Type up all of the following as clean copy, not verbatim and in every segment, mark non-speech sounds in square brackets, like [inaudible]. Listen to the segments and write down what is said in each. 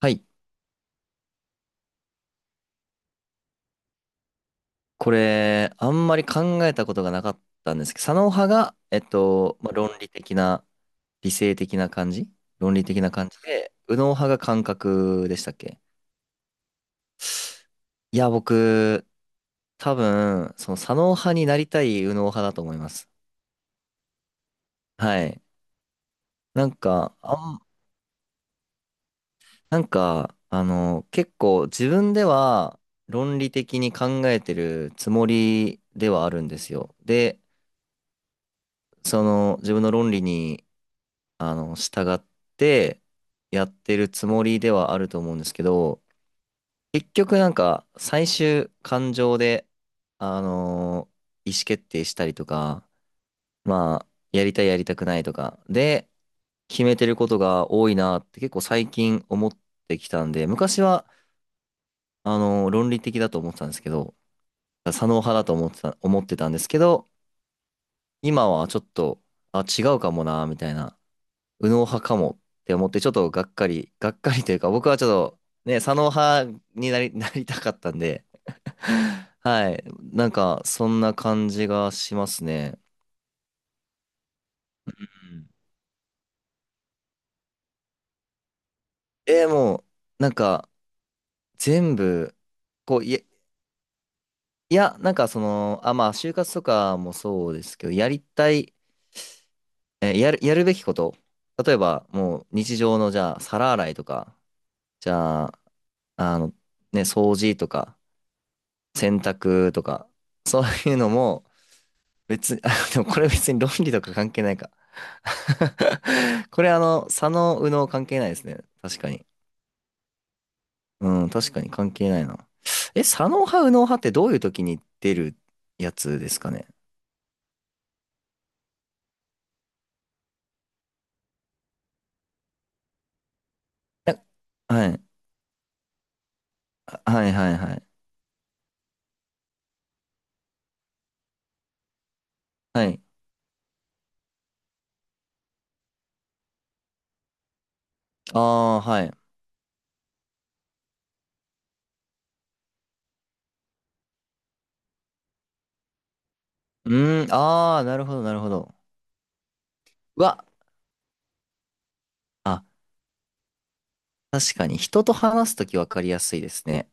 はい。これ、あんまり考えたことがなかったんですけど、左脳派が、まあ、論理的な、理性的な感じ。論理的な感じで、右脳派が感覚でしたっけ？いや、僕、多分、その左脳派になりたい右脳派だと思います。はい。なんか、結構自分では論理的に考えてるつもりではあるんですよ。で、その自分の論理に従ってやってるつもりではあると思うんですけど、結局なんか最終感情で、あの意思決定したりとか、まあ、やりたいやりたくないとか、で、決めてることが多いなって結構最近思ってきたんで、昔は、論理的だと思ってたんですけど、左脳派だと思ってたんですけど、今はちょっと、あ、違うかもな、みたいな。右脳派かもって思って、ちょっとがっかり、がっかりというか、僕はちょっと、ね、左脳派になり、[laughs] なりたかったんで、[laughs] はい。なんか、そんな感じがしますね。うん。もう、なんか、全部、こう、いや、いや、なんかその、あ、まあ、就活とかもそうですけど、やりたい、やるべきこと。例えば、もう、日常の、じゃあ、皿洗いとか、じゃあ、あの、ね、掃除とか、洗濯とか、そういうのも、別に、あ、[laughs] でもこれ別に論理とか関係ないか。[laughs] これ左脳右脳関係ないですね。確かに。うん、確かに関係ないな。え、左脳派右脳派ってどういう時に出るやつですかね。え、はい、はいはいはい。はい。ああ、はい。うん、ああ、なるほどなるほど。うわ、あ、確かに人と話すとき分かりやすいですね。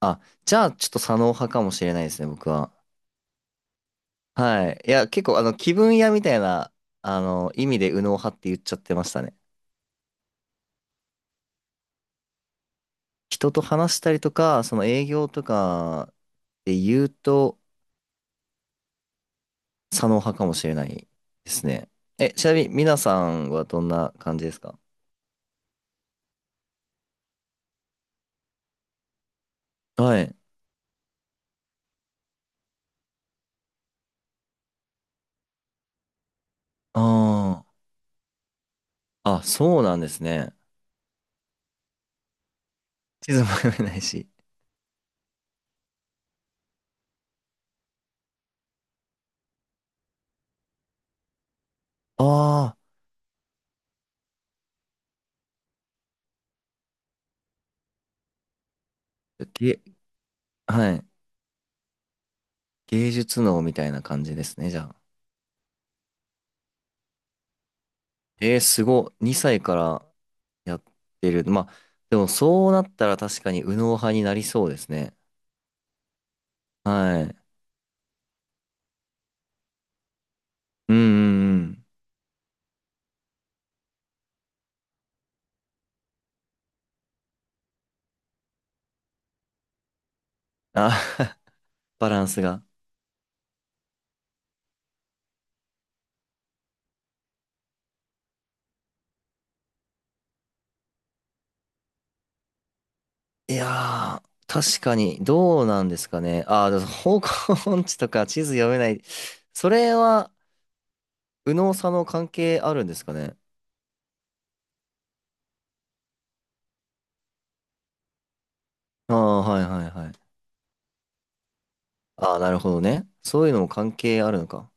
あ、じゃあちょっと左脳派かもしれないですね、僕は。はい。いや、結構、気分屋みたいな、意味で右脳派って言っちゃってましたね。人と話したりとか、その営業とかで言うと、左脳派かもしれないですね。え、ちなみに、皆さんはどんな感じですか？はい。ああ。あ、そうなんですね。地図も読めないし。ああ。はい。芸術脳みたいな感じですね、じゃあ。えー、すごい。2歳からやってる。まあ、でもそうなったら確かに右脳派になりそうですね。はい。うんうんうん。あ、[laughs] バランスが。いやー、確かに、どうなんですかね。あー、でも方向音痴とか地図読めない。それは、右脳左脳関係あるんですかね。ああ、はいはいはい。ああ、なるほどね。そういうのも関係あるのか。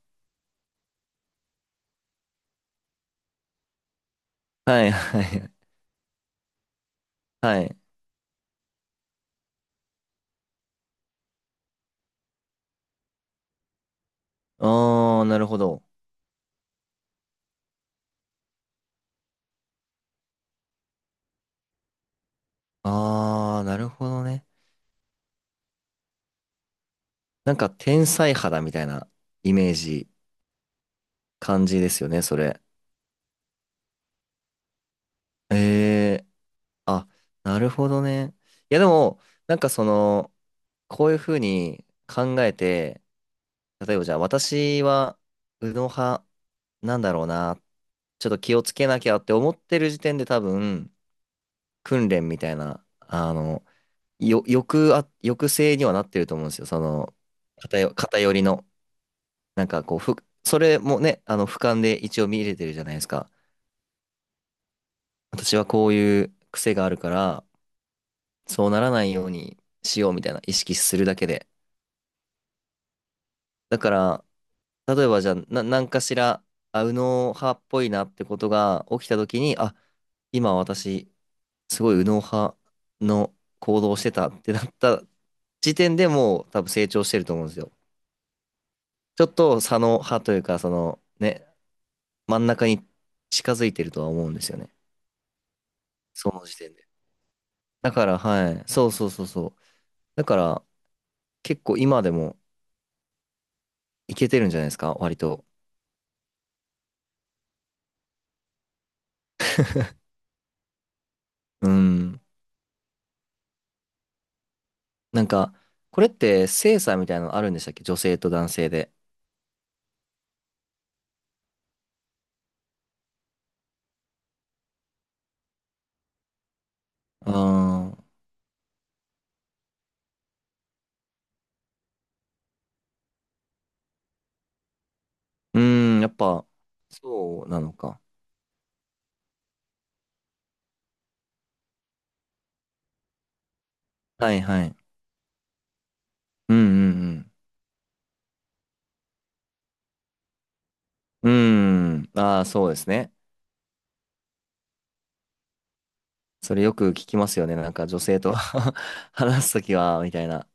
はいはいはい。ああ、なるほど。ああ、なるほどね。なんか天才肌みたいなイメージ感じですよね、それ。ええ、あ、なるほどね。いや、でも、なんかその、こういうふうに考えて、例えばじゃあ、私は、右脳派なんだろうな、ちょっと気をつけなきゃって思ってる時点で多分、訓練みたいな、よ、抑あ、抑制にはなってると思うんですよ。その、偏りの、なんかこう、それもね、俯瞰で一応見れてるじゃないですか。私はこういう癖があるから、そうならないようにしようみたいな意識するだけで。だから、例えばじゃあ、何かしら、あ、右脳派っぽいなってことが起きた時に、あ、今私、すごい右脳派の行動をしてたってなった時点でもう多分成長してると思うんですよ。ちょっと左脳派というか、そのね、真ん中に近づいてるとは思うんですよね。その時点で。だから、はい。そうそうそうそう。だから、結構今でもいけてるんじゃないですか、割と。うん。なんか、これって性差みたいなのあるんでしたっけ、女性と男性で？ああ、うーん、やっぱ、そうなのか。はいはい。うんうんうん。うーん、ああ、そうですね。それよく聞きますよね。なんか女性と [laughs] 話すときは、みたいな。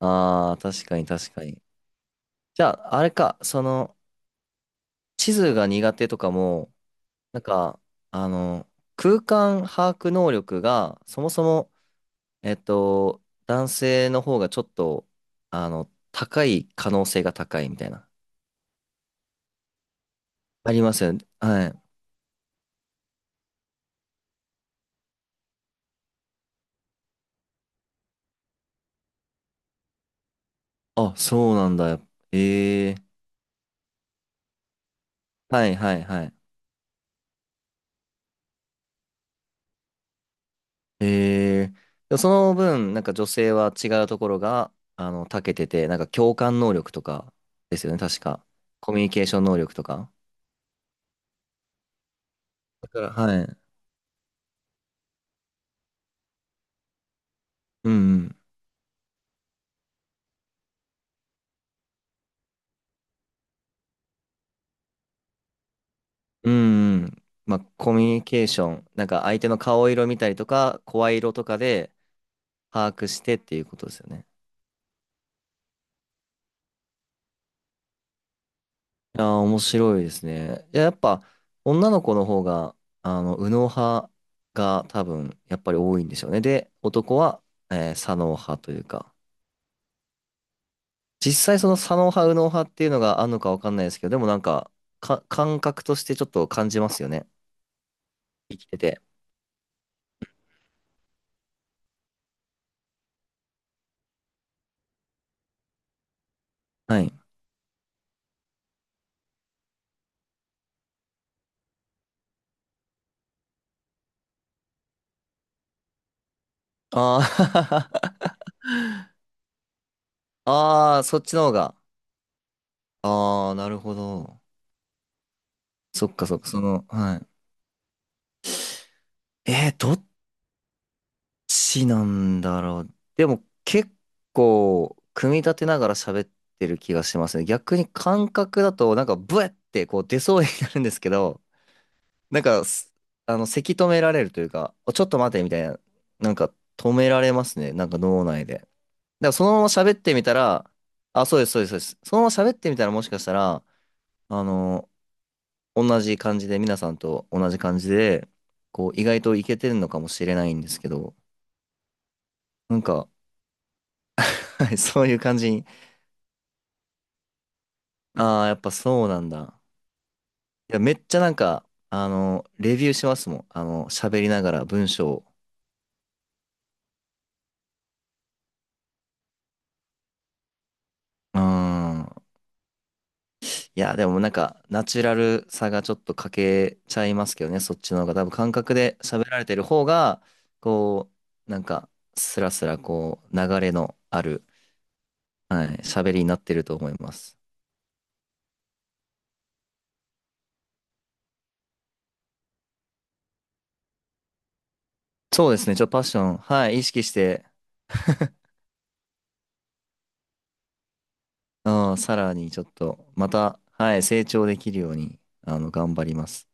ああ、確かに確かに。じゃあ、あれか、その、地図が苦手とかも、なんか、あの、空間把握能力が、そもそも、えっと、男性の方がちょっと、高い可能性が高いみたいな。ありますよね。はい。あ、そうなんだ。ええ、はいはいはい。ええ、でもその分、なんか女性は違うところが、長けてて、なんか共感能力とかですよね、確か。コミュニケーション能力とか。だから、はい。うんうん。うんうん。まあ、コミュニケーション、なんか相手の顔色見たりとか、声色とかで把握してっていうことですよね。いやー、面白いですね。いや、やっぱ、女の子の方が、右脳派が多分、やっぱり多いんでしょうね。で、男は、左脳派というか、実際その左脳派、右脳派っていうのがあるのかわかんないですけど、でもなんか、感覚としてちょっと感じますよね。生きてて。はい。あー [laughs] あー、そっちの方が。ああ、なるほど。そっかそっか、その、はい。えー、どっちなんだろう。でも結構組み立てながら喋ってる気がしますね。逆に感覚だとなんかブエってこう出そうになるんですけど、なんかすあの、せき止められるというか、お、ちょっと待てみたいな、なんか止められますね。なんか脳内で。だからそのまま喋ってみたら、あ、そうです、そうです、そうです。そのまま喋ってみたらもしかしたら、あの、同じ感じで、皆さんと同じ感じで、こう意外といけてるのかもしれないんですけど、なんか、はい、そういう感じに。ああ、やっぱそうなんだ。いや、めっちゃなんか、レビューしますもん。喋りながら文章を。うーん。いや、でもなんか、ナチュラルさがちょっと欠けちゃいますけどね、そっちの方が。多分感覚で喋られてる方が、こう、なんか、スラスラこう、流れのある、はい、喋りになってると思います。そうですね、ちょっとパッション、はい、意識して、うん、さらにちょっと、また、はい、成長できるように、頑張ります。